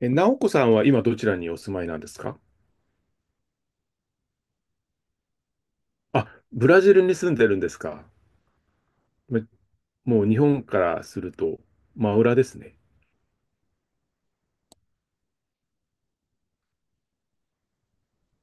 え、直子さんは今どちらにお住まいなんですか？あ、ブラジルに住んでるんですか。めもう日本からすると真裏ですね。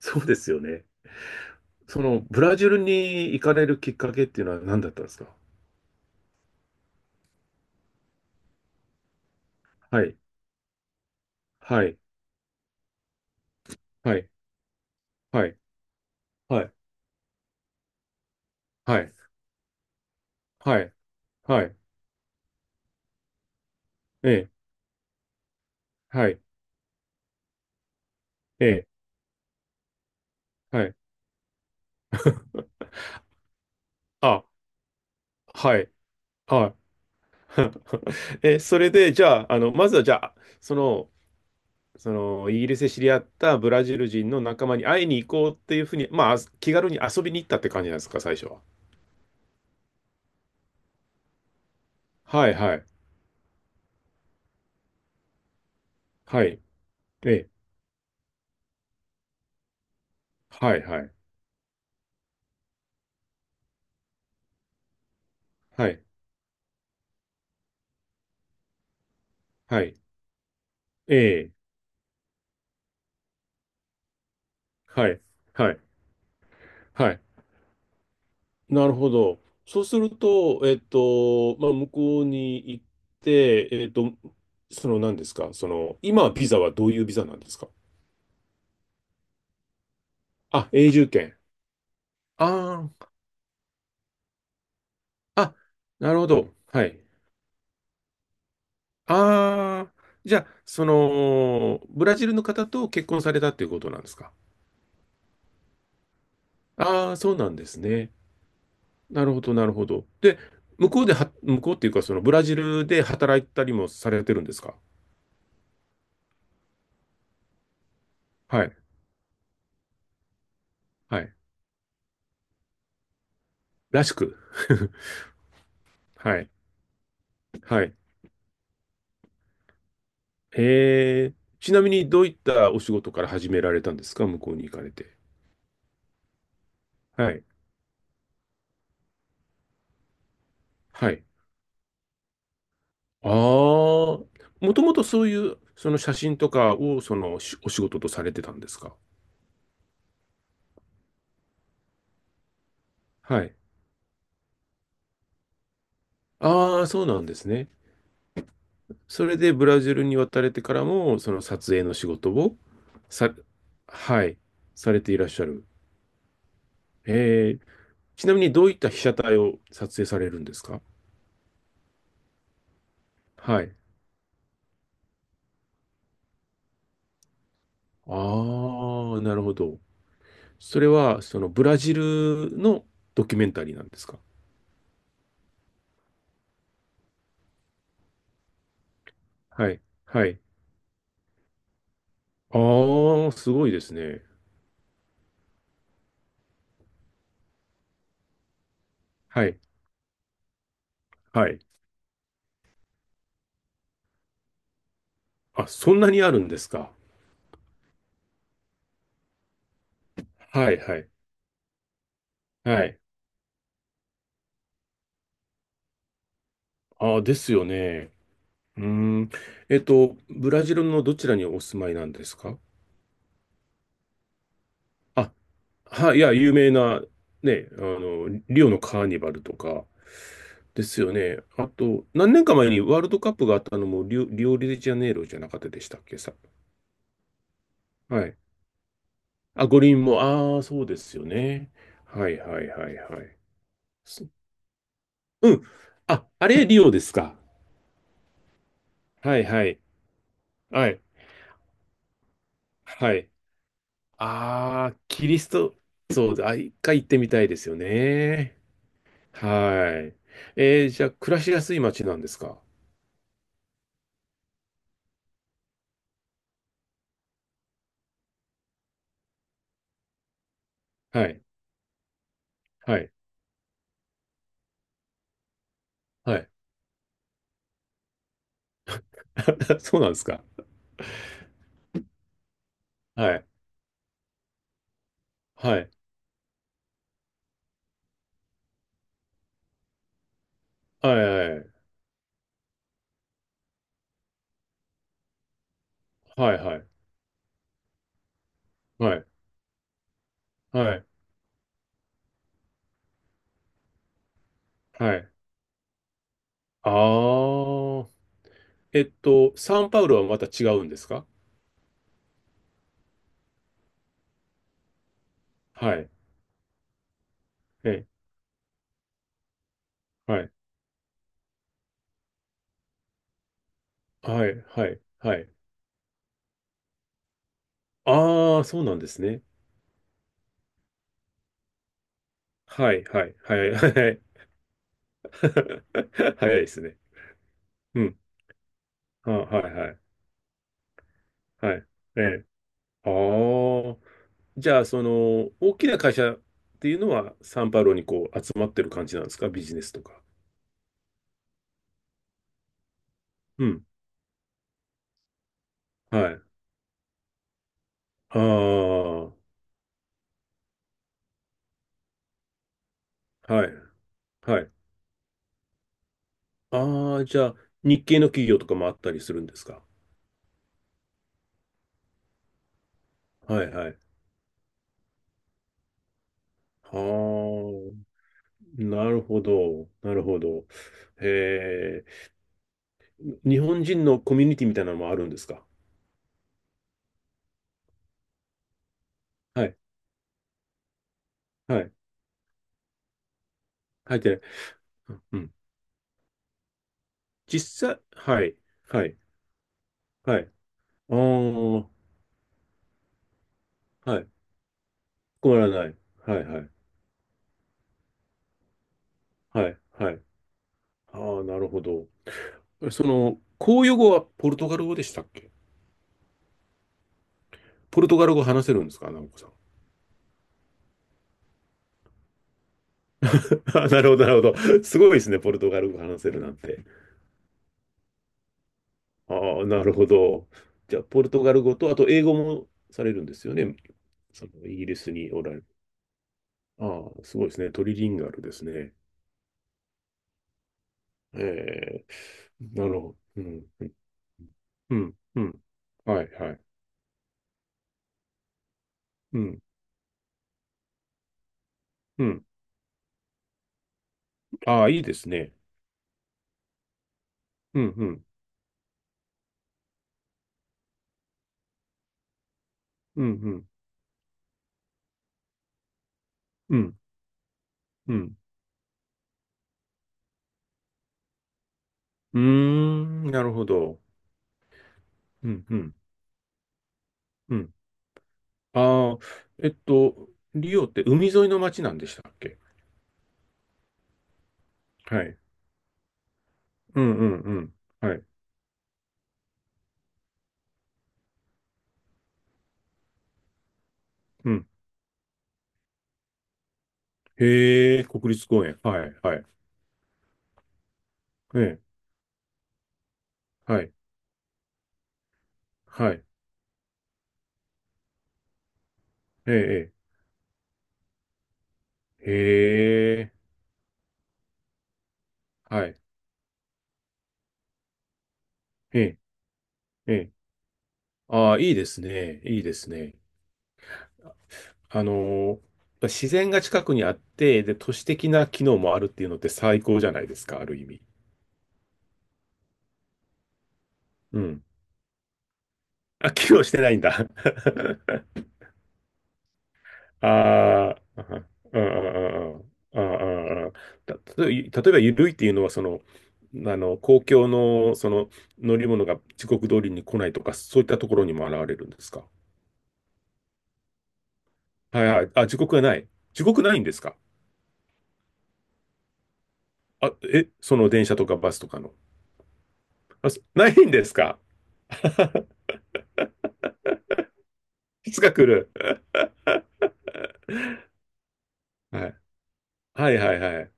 そうですよね。そのブラジルに行かれるきっかけっていうのは何だったんですか？はい、はい、はい、はい、はい、はい、はい、はい、ええ、はい、ええ、はい、あ、はい、はい。それで、じゃあ、まずはじゃあ、その、そのイギリスで知り合ったブラジル人の仲間に会いに行こうっていうふうに、まあ、気軽に遊びに行ったって感じなんですか、最初は。はいはい。はい。ええ。はいはい。はい。はい。ええ。はい。はい。はい。なるほど。そうすると、まあ、向こうに行って、何ですか、今はビザはどういうビザなんですか？あ、永住権。ああ、あ、なるほど。はい。ああ、じゃあ、ブラジルの方と結婚されたっていうことなんですか。ああ、そうなんですね。なるほど、なるほど。で、向こうでは、向こうっていうか、そのブラジルで働いたりもされてるんですか。はい、はい。らしく。はい、はい。えー、ちなみにどういったお仕事から始められたんですか、向こうに行かれて。はい、はい。ああ、もともとそういう、その写真とかを、お仕事とされてたんですか。はい。ああ、そうなんですね。それでブラジルに渡れてからも、その撮影の仕事をさ、はい、されていらっしゃる。えー、ちなみにどういった被写体を撮影されるんですか？はい。ああ、なるほど。それは、そのブラジルのドキュメンタリーなんですか？はい、はい。ああ、すごいですね。はい、はい。あ、そんなにあるんですか？はい、はい、はい。ああ、ですよね。うーん。ブラジルのどちらにお住まいなんですか？あ、はい、いや、有名な、ね、あの、リオのカーニバルとかですよね。あと、何年か前にワールドカップがあったのもリオデジャネイロじゃなかったでしたっけ、さ。はい。あ、五輪も、ああ、そうですよね。はいはいはいはい。すうん。あ、あれ、リオですか。はいはい。はい。はい。ああ、キリスト、そうだ。あ、一回行ってみたいですよね。はい。じゃあ、暮らしやすい街なんですか？はい。はい。はい。そうなんですか？はい。はい。はい。はい。はい。はい。はい。はい。あー。サンパウロはまた違うんですか？はい。え、はい。はい。はい。はい。あー、そうなんですね。はい。はい。はい。はい。早いですね。うん。あ、はい。はい。はい。えー、あー。じゃあ、大きな会社っていうのは、サンパウロにこう集まってる感じなんですか？ビジネスとか。うん。はい。ああ、はい。はい。ああ、じゃあ、日系の企業とかもあったりするんですか？はいはい。ああ、なるほど。なるほど。へえ、日本人のコミュニティみたいなのもあるんですか？はい。はい。入ってない。うん。実際、はい。はい。はい。ああ、はい。困らない。はいはい。はい。はい。ああ、なるほど。その、公用語はポルトガル語でしたっけ？ポルトガル語話せるんですか、直子さん。あ、なるほど、なるほど。すごいですね、ポルトガル語話せるなんて。ああ、なるほど。じゃあ、ポルトガル語と、あと英語もされるんですよね。そのイギリスにおられる。ああ、すごいですね。トリリンガルですね。ええ、なるほど。うん、うん、うん。はい、はい。うん、うん。ああ、いいですね。うん、うん、うん、うん、うん、うん。うーん、なるほど。うんうんうん。ああ、えっと、リオって海沿いの町なんでしたっけ？はい。うんうんうん。はい。うん。へえ、国立公園。はいはい。ええ、はい。はい。ええ、ええへえ、はい。ええ、ええ。ああ、いいですね。いいですね。あのー自然が近くにあって、で、都市的な機能もあるっていうのって最高じゃないですか、ある意味。うん。あ、機能してないんだ。ああ、うんうんうんうんうんうんうん。た例えばゆるいっていうのは、公共の、乗り物が時刻通りに来ないとか、そういったところにも現れるんですか？はいはい。あ、時刻がない。時刻ないんですか？あ、え、その電車とかバスとかの。あ、そないんですか？ いつか来る。はい。はいはいはい。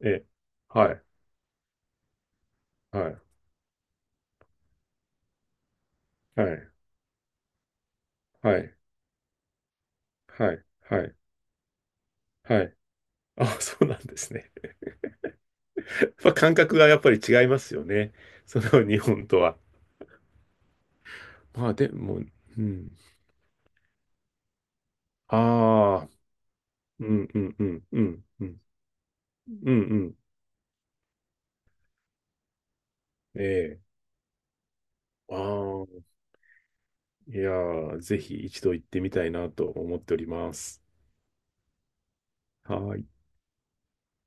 え、はい。はい。はい。はい。はい。はい。はい。あ、そうなんですね。まあ、感覚がやっぱり違いますよね。その日本とは。まあでも、うん。ああ、うんうんうんうんうん。うんうん。ええ。ああ、いやー、ぜひ一度行ってみたいなと思っております。はーい。